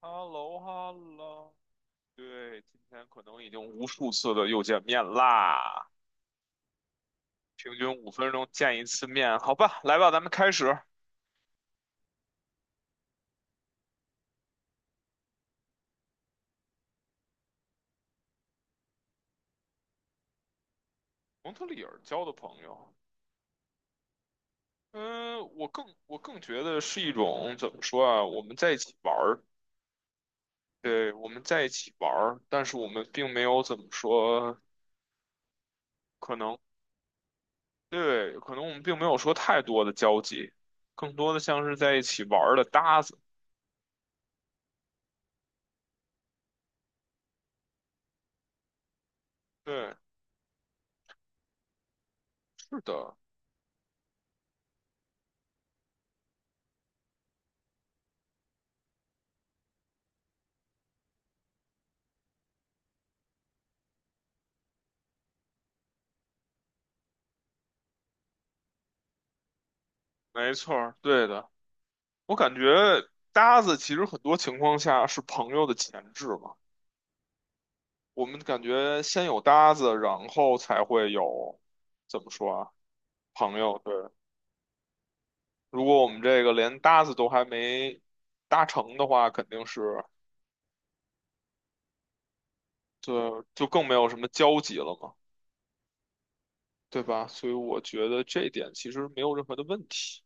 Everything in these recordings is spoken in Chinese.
h e l l o h e l l o 对，今天可能已经无数次的又见面啦，平均五分钟见一次面，好吧，来吧，咱们开始。蒙特利尔交的朋友，嗯，我更觉得是一种怎么说啊？我们在一起玩儿，对，我们在一起玩儿，但是我们并没有怎么说，可能对，可能我们并没有说太多的交集，更多的像是在一起玩儿的搭子。对，是的，没错儿，对的。我感觉搭子其实很多情况下是朋友的前置嘛。我们感觉先有搭子，然后才会有，怎么说啊，朋友。对，如果我们这个连搭子都还没搭成的话，肯定是，对，就更没有什么交集了嘛，对吧？所以我觉得这点其实没有任何的问题。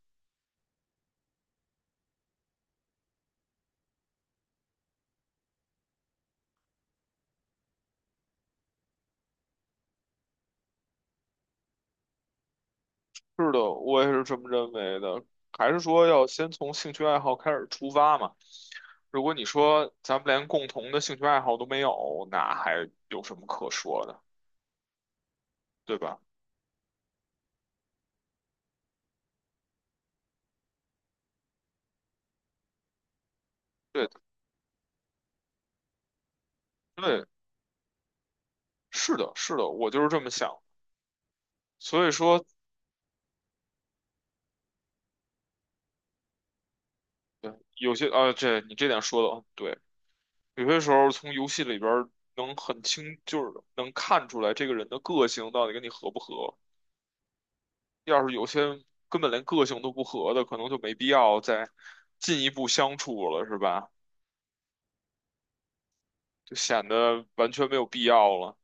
是的，我也是这么认为的。还是说要先从兴趣爱好开始出发嘛？如果你说咱们连共同的兴趣爱好都没有，那还有什么可说的，对吧？对的对，是的，是的，我就是这么想。所以说，对，有些啊，这你这点说的很对。有些时候从游戏里边儿能很清，就是能看出来这个人的个性到底跟你合不合。要是有些根本连个性都不合的，可能就没必要再进一步相处了，是吧？就显得完全没有必要了，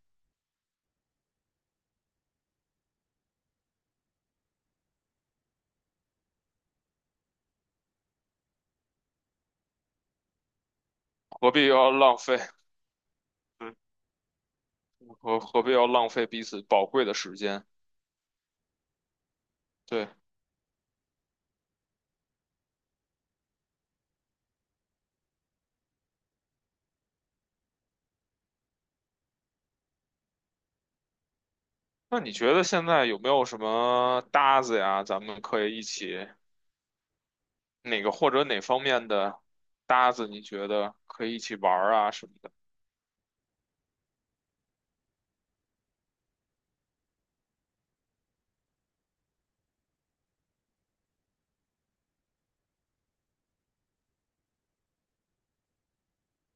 何必要浪费？何必要浪费彼此宝贵的时间？对，那你觉得现在有没有什么搭子呀？咱们可以一起哪个或者哪方面的搭子，你觉得可以一起玩儿啊什么的？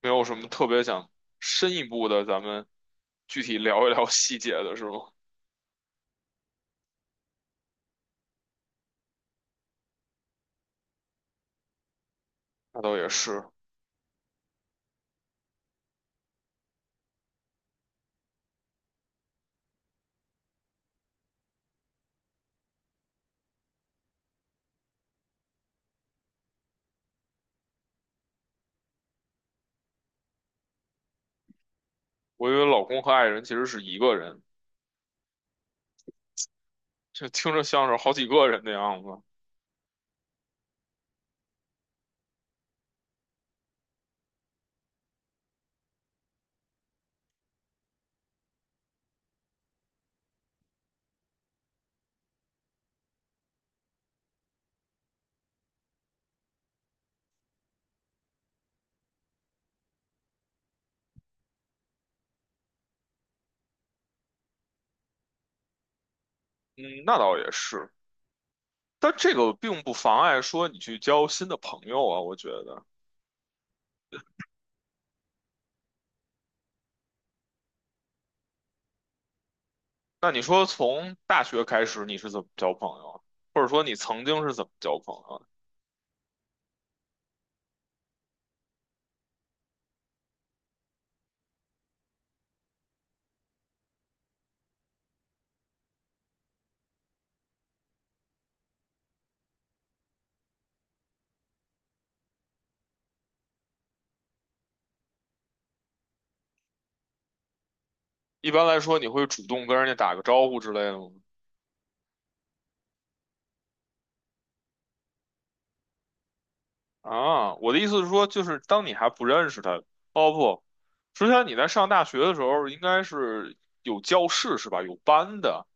没有什么特别想深一步的，咱们具体聊一聊细节的是吗？那倒也是，我以为老公和爱人其实是一个人，这听着像是好几个人的样子。嗯，那倒也是，但这个并不妨碍说你去交新的朋友啊，我觉得。那你说从大学开始你是怎么交朋友啊？或者说你曾经是怎么交朋友啊？一般来说，你会主动跟人家打个招呼之类的吗？啊，我的意思是说，就是当你还不认识他，哦不，之前你在上大学的时候，应该是有教室是吧？有班的，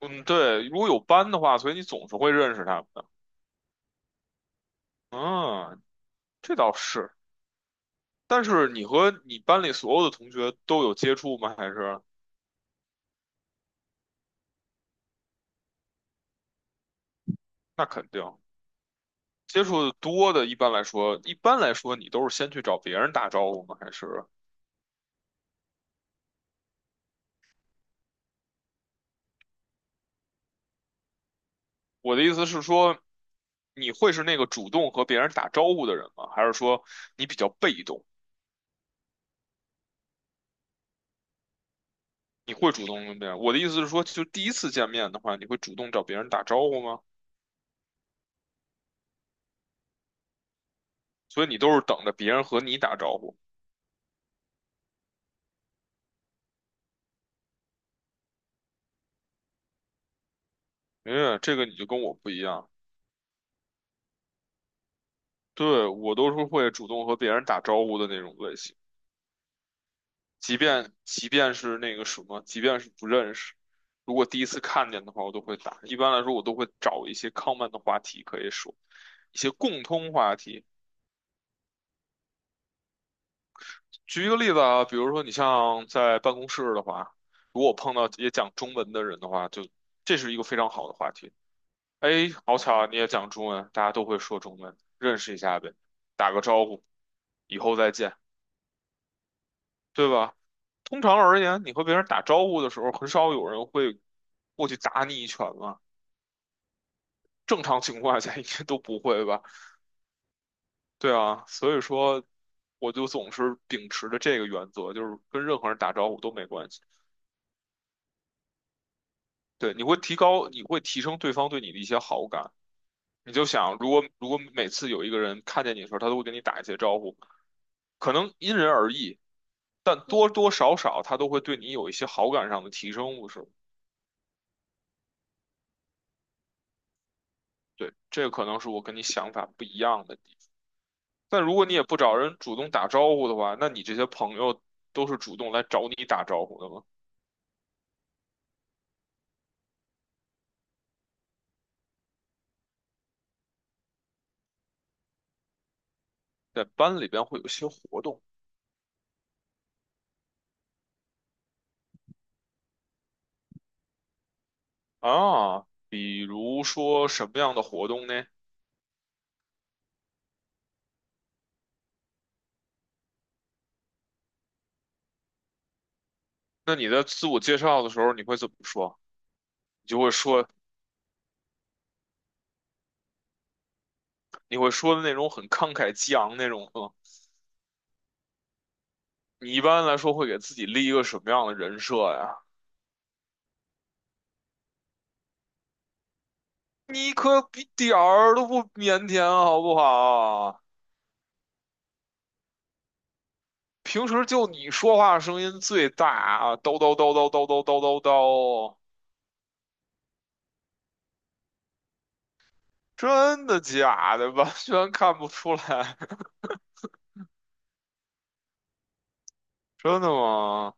嗯，对，如果有班的话，所以你总是会认识他们的。嗯，这倒是，但是你和你班里所有的同学都有接触吗？还是？那肯定。接触的多的，一般来说，你都是先去找别人打招呼吗？还是我的意思是说，你会是那个主动和别人打招呼的人吗？还是说你比较被动？你会主动跟别人？我的意思是说，就第一次见面的话，你会主动找别人打招呼吗？所以你都是等着别人和你打招呼。哎，这个你就跟我不一样，对，我都是会主动和别人打招呼的那种类型。即便是那个什么，即便是不认识，如果第一次看见的话，我都会打。一般来说，我都会找一些 common 的话题可以说，一些共通话题。举一个例子啊，比如说你像在办公室的话，如果我碰到也讲中文的人的话，就这是一个非常好的话题。哎，好巧啊，你也讲中文，大家都会说中文，认识一下呗，打个招呼，以后再见。对吧？通常而言，你和别人打招呼的时候，很少有人会过去打你一拳嘛。正常情况下应该都不会吧？对啊，所以说我就总是秉持着这个原则，就是跟任何人打招呼都没关系。对，你会提高，你会提升对方对你的一些好感。你就想，如果每次有一个人看见你的时候，他都会跟你打一些招呼，可能因人而异，但多多少少他都会对你有一些好感上的提升，不是吗？对，这可能是我跟你想法不一样的地方。但如果你也不找人主动打招呼的话，那你这些朋友都是主动来找你打招呼的吗？在班里边会有些活动啊，比如说什么样的活动呢？那你在自我介绍的时候，你会怎么说？你就会说，你会说的那种很慷慨激昂那种吗？你一般来说会给自己立一个什么样的人设呀？你可比点儿都不腼腆，好不好？平时就你说话声音最大啊，叨叨叨叨叨叨叨叨叨，真的假的？完全看不出来，真的吗？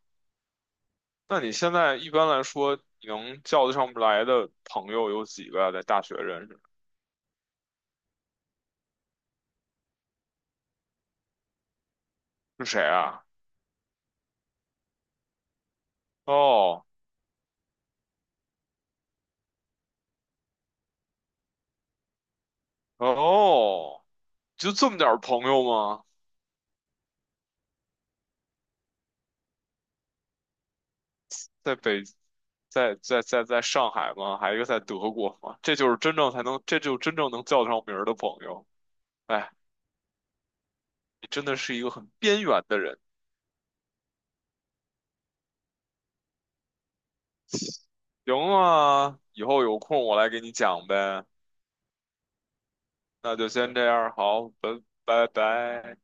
那你现在一般来说，你能叫得上来的朋友有几个啊在大学认识的？是谁啊？哦哦，就这么点儿朋友吗？在北，在上海吗？还有一个在德国吗？这就是真正才能，这就真正能叫得上名儿的朋友。哎，你真的是一个很边缘的人。行啊，以后有空我来给你讲呗。那就先这样，好，拜拜拜。